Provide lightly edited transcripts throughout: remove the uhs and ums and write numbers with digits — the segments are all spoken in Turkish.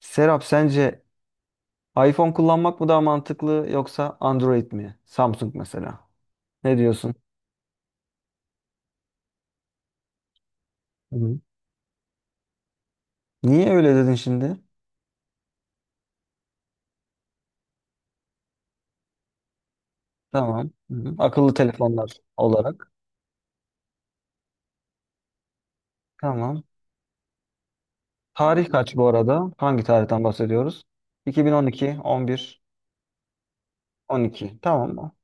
Serap sence iPhone kullanmak mı daha mantıklı yoksa Android mi? Samsung mesela. Ne diyorsun? Hı. Niye öyle dedin şimdi? Tamam. Hı. Akıllı telefonlar olarak. Tamam. Tarih kaç bu arada? Hangi tarihten bahsediyoruz? 2012, 11, 12. Tamam mı?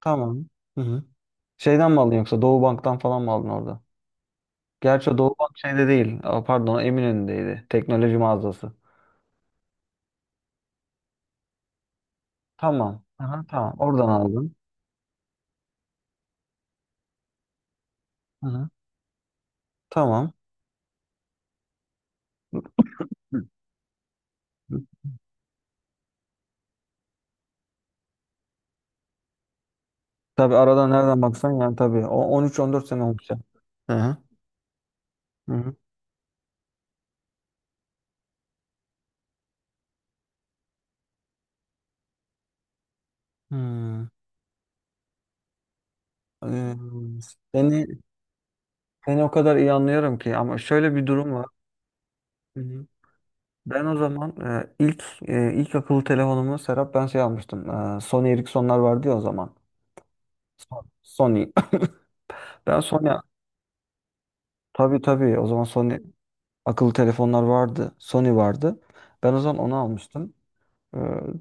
Tamam. Hı hı. Şeyden mi aldın yoksa Doğu Bank'tan falan mı aldın orada? Gerçi o Doğu Bank şeyde değil. Aa, pardon, Eminönü'ndeydi. Teknoloji mağazası. Tamam. Aha, tamam. Oradan aldım. Hı hı. Tamam. Hı. Tabii arada nereden baksan yani tabii. O 13-14 sene olmuş ya. Hı hı. Hı hı. Hmm. Ee, Seni, seni o kadar iyi anlıyorum ki ama şöyle bir durum var. Hı hı. Ben o zaman ilk akıllı telefonumu Serap ben şey almıştım. Sony Ericssonlar vardı ya o zaman. Sony. Ben Sony tabii tabii o zaman Sony akıllı telefonlar vardı. Sony vardı. Ben o zaman onu almıştım. Hı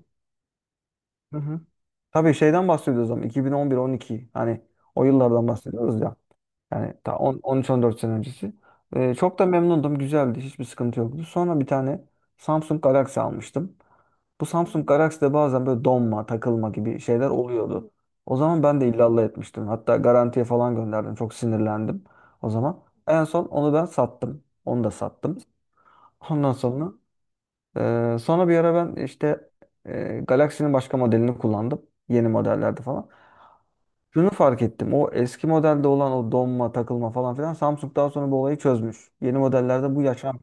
hı. Tabii şeyden bahsediyoruz o zaman 2011-12 hani o yıllardan bahsediyoruz ya. Yani ta 10 13-14 sene öncesi. Çok da memnundum. Güzeldi. Hiçbir sıkıntı yoktu. Sonra bir tane Samsung Galaxy almıştım. Bu Samsung Galaxy'de bazen böyle donma, takılma gibi şeyler oluyordu. O zaman ben de illallah etmiştim. Hatta garantiye falan gönderdim. Çok sinirlendim o zaman. En son onu ben sattım. Onu da sattım. Ondan sonra bir ara ben işte Galaxy'nin başka modelini kullandım. Yeni modellerde falan. Şunu fark ettim. O eski modelde olan o donma, takılma falan filan Samsung daha sonra bu olayı çözmüş. Yeni modellerde bu yaşam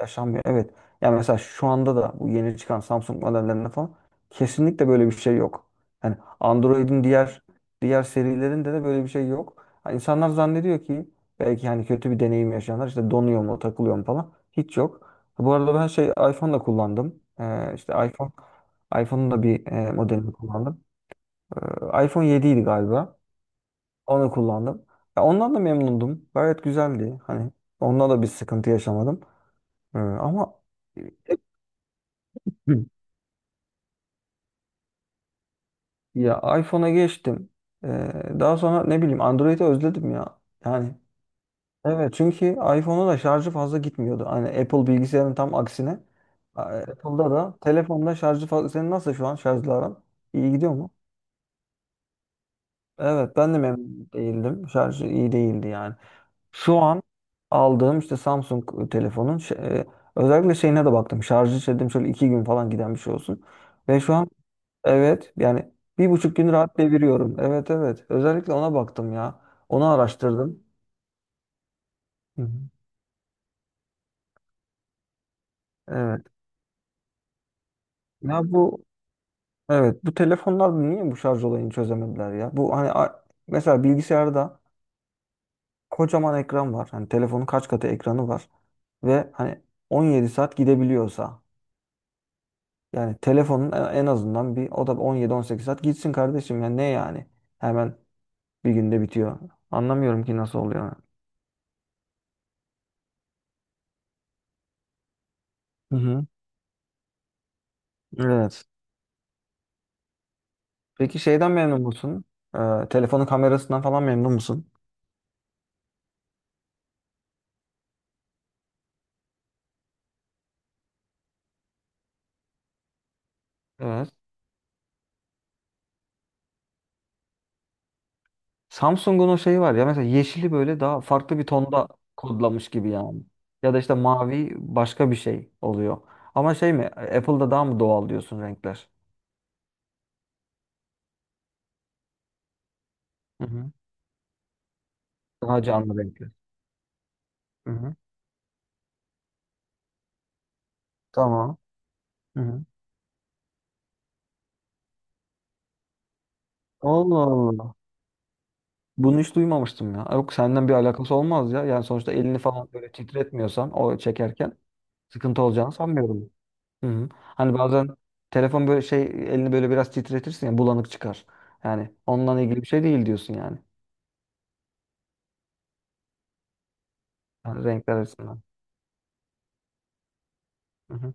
yaşanmıyor. Evet. Ya mesela şu anda da bu yeni çıkan Samsung modellerinde falan kesinlikle böyle bir şey yok. Yani Android'in diğer serilerinde de böyle bir şey yok. Ha, insanlar zannediyor ki belki hani kötü bir deneyim yaşayanlar işte donuyor mu, takılıyor mu falan. Hiç yok. Bu arada ben şey iPhone da kullandım. İşte iPhone'un da bir modelini kullandım. iPhone 7 idi galiba. Onu kullandım. Ya ondan da memnundum. Gayet güzeldi. Hani ondan da bir sıkıntı yaşamadım. Ama Hı. Ya iPhone'a geçtim. Ee, daha sonra ne bileyim Android'i özledim ya. Yani, evet, çünkü iPhone'a da şarjı fazla gitmiyordu. Hani Apple bilgisayarın tam aksine. Apple'da da telefonda şarjı fazla. Senin nasıl şu an şarjlı aran? İyi gidiyor mu? Evet ben de memnun değildim. Şarjı iyi değildi yani. Şu an aldığım işte Samsung telefonun özellikle şeyine de baktım. Şarjı dedim şöyle 2 gün falan giden bir şey olsun. Ve şu an, evet, yani bir buçuk gün rahat deviriyorum. Evet, evet. Özellikle ona baktım ya. Onu araştırdım. Hı hı. Evet. Ya bu, evet, bu telefonlar niye bu şarj olayını çözemediler ya? Bu hani mesela bilgisayarda kocaman ekran var. Hani telefonun kaç katı ekranı var. Ve hani 17 saat gidebiliyorsa yani telefonun en azından bir o da 17-18 saat gitsin kardeşim ya ne yani? Hemen bir günde bitiyor. Anlamıyorum ki nasıl oluyor. Hı hı. Evet. Peki şeyden memnun musun? Telefonun kamerasından falan memnun musun? Evet. Samsung'un o şeyi var ya mesela yeşili böyle daha farklı bir tonda kodlamış gibi yani. Ya da işte mavi başka bir şey oluyor. Ama şey mi? Apple'da daha mı doğal diyorsun renkler? Hı hı. Daha canlı renkli. Hı hı. Tamam. Hı hı. Allah Allah. Bunu hiç duymamıştım ya. Yok senden bir alakası olmaz ya. Yani sonuçta elini falan böyle titretmiyorsan o çekerken sıkıntı olacağını sanmıyorum. Hı hı. Hani bazen telefon böyle şey elini böyle biraz titretirsin ya bulanık çıkar. Yani onunla ilgili bir şey değil diyorsun yani. Yani renkler açısından. Hı hı.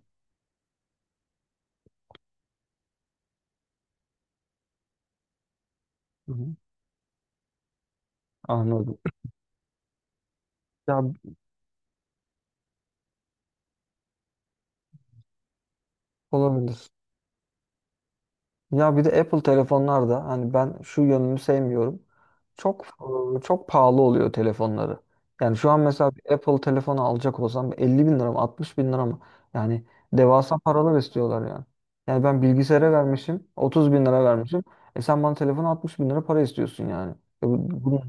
Hı hı. Anladım. Ya olabilir. Ya bir de Apple telefonlarda hani ben şu yönünü sevmiyorum. Çok çok pahalı oluyor telefonları. Yani şu an mesela bir Apple telefonu alacak olsam 50 bin lira mı 60 bin lira mı? Yani devasa paralar istiyorlar yani. Yani ben bilgisayara vermişim 30 bin lira vermişim. E sen bana telefonu 60 bin lira para istiyorsun yani. E bu, bunu...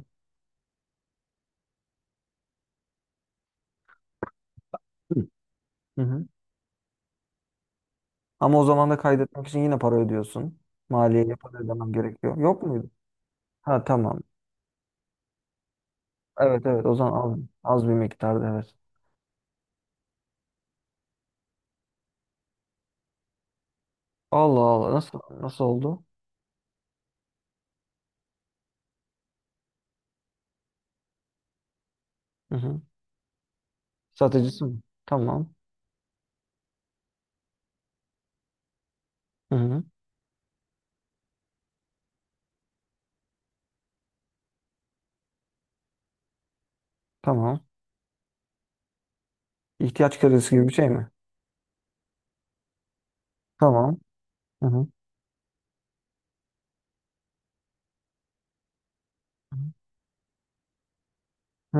Hı hı. Ama o zaman da kaydetmek için yine para ödüyorsun. Maliyeye para ödemem gerekiyor. Yok muydu? Ha, tamam. Evet, evet, o zaman az, az bir miktarda evet. Allah Allah. Nasıl oldu? Hı hı. Satıcısı mı? Tamam. Hı hı. Tamam. İhtiyaç kredisi gibi bir şey mi? Tamam. Hı hı. Hı.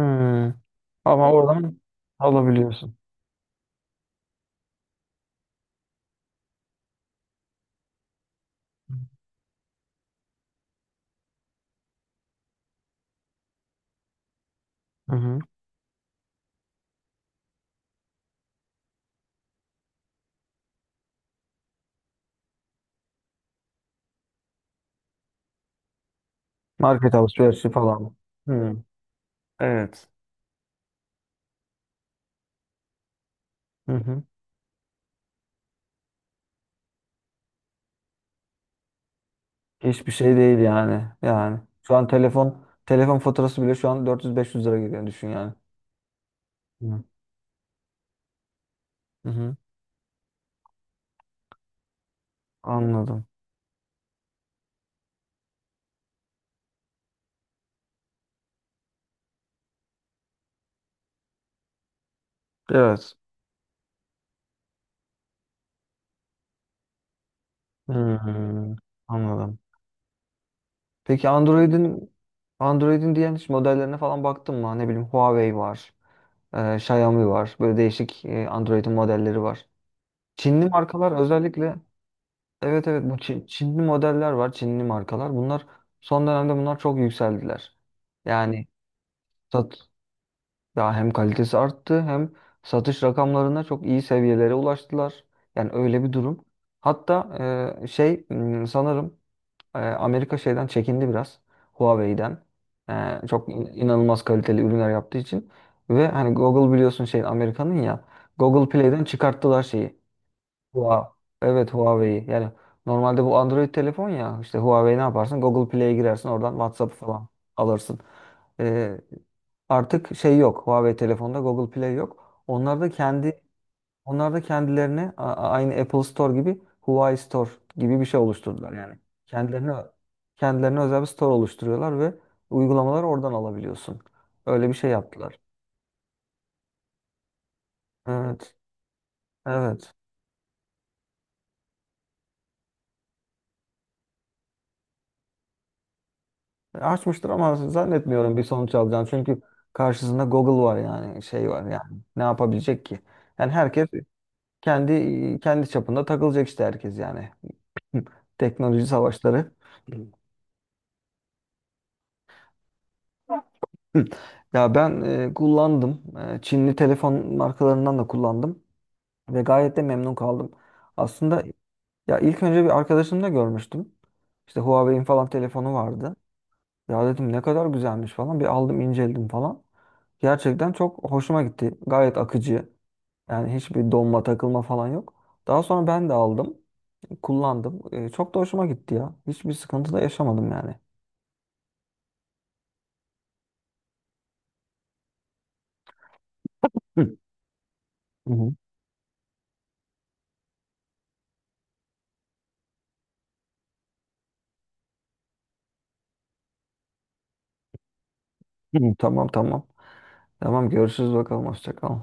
Ama oradan alabiliyorsun. Hı hı. Market alışverişi falan mı? Hı. Evet. Hı hı. Hiçbir şey değil yani. Yani şu an telefon faturası bile şu an 400-500 lira gidiyor düşün yani. Hı hı. Anladım. Evet. Hı. Anladım. Peki Android'in diğer hiç modellerine falan baktın mı? Ne bileyim Huawei var, Xiaomi var. Böyle değişik Android'in modelleri var. Çinli markalar özellikle evet, evet, bu Çinli modeller var, Çinli markalar. Bunlar son dönemde bunlar çok yükseldiler. Yani sat ya hem kalitesi arttı hem satış rakamlarına çok iyi seviyelere ulaştılar. Yani öyle bir durum. Hatta şey sanırım Amerika şeyden çekindi biraz. Huawei'den. Çok inanılmaz kaliteli ürünler yaptığı için. Ve hani Google biliyorsun şey Amerika'nın ya. Google Play'den çıkarttılar şeyi. Huawei. Evet, Huawei'yi. Yani normalde bu Android telefon ya. İşte Huawei ne yaparsın? Google Play'e girersin. Oradan WhatsApp falan alırsın. E, artık şey yok. Huawei telefonda Google Play yok. Onlar da kendilerine aynı Apple Store gibi Huawei Store gibi bir şey oluşturdular yani. Kendilerine kendilerine özel bir store oluşturuyorlar ve uygulamaları oradan alabiliyorsun. Öyle bir şey yaptılar. Evet. Evet. Açmıştır ama zannetmiyorum bir sonuç alacağını. Çünkü karşısında Google var yani şey var yani. Ne yapabilecek ki? Yani herkes kendi kendi çapında takılacak işte herkes yani. Teknoloji savaşları. Hı. Ya ben kullandım. Çinli telefon markalarından da kullandım ve gayet de memnun kaldım. Aslında ya ilk önce bir arkadaşımda görmüştüm. İşte Huawei'in falan telefonu vardı. Ya dedim ne kadar güzelmiş falan. Bir aldım inceledim falan. Gerçekten çok hoşuma gitti. Gayet akıcı. Yani hiçbir donma takılma falan yok. Daha sonra ben de aldım. Kullandım. Çok da hoşuma gitti ya. Hiçbir sıkıntı da yaşamadım yani. Hı. Hı hı. Hı hı. Tamam, tamam. Tamam, görüşürüz bakalım. Hoşça kal.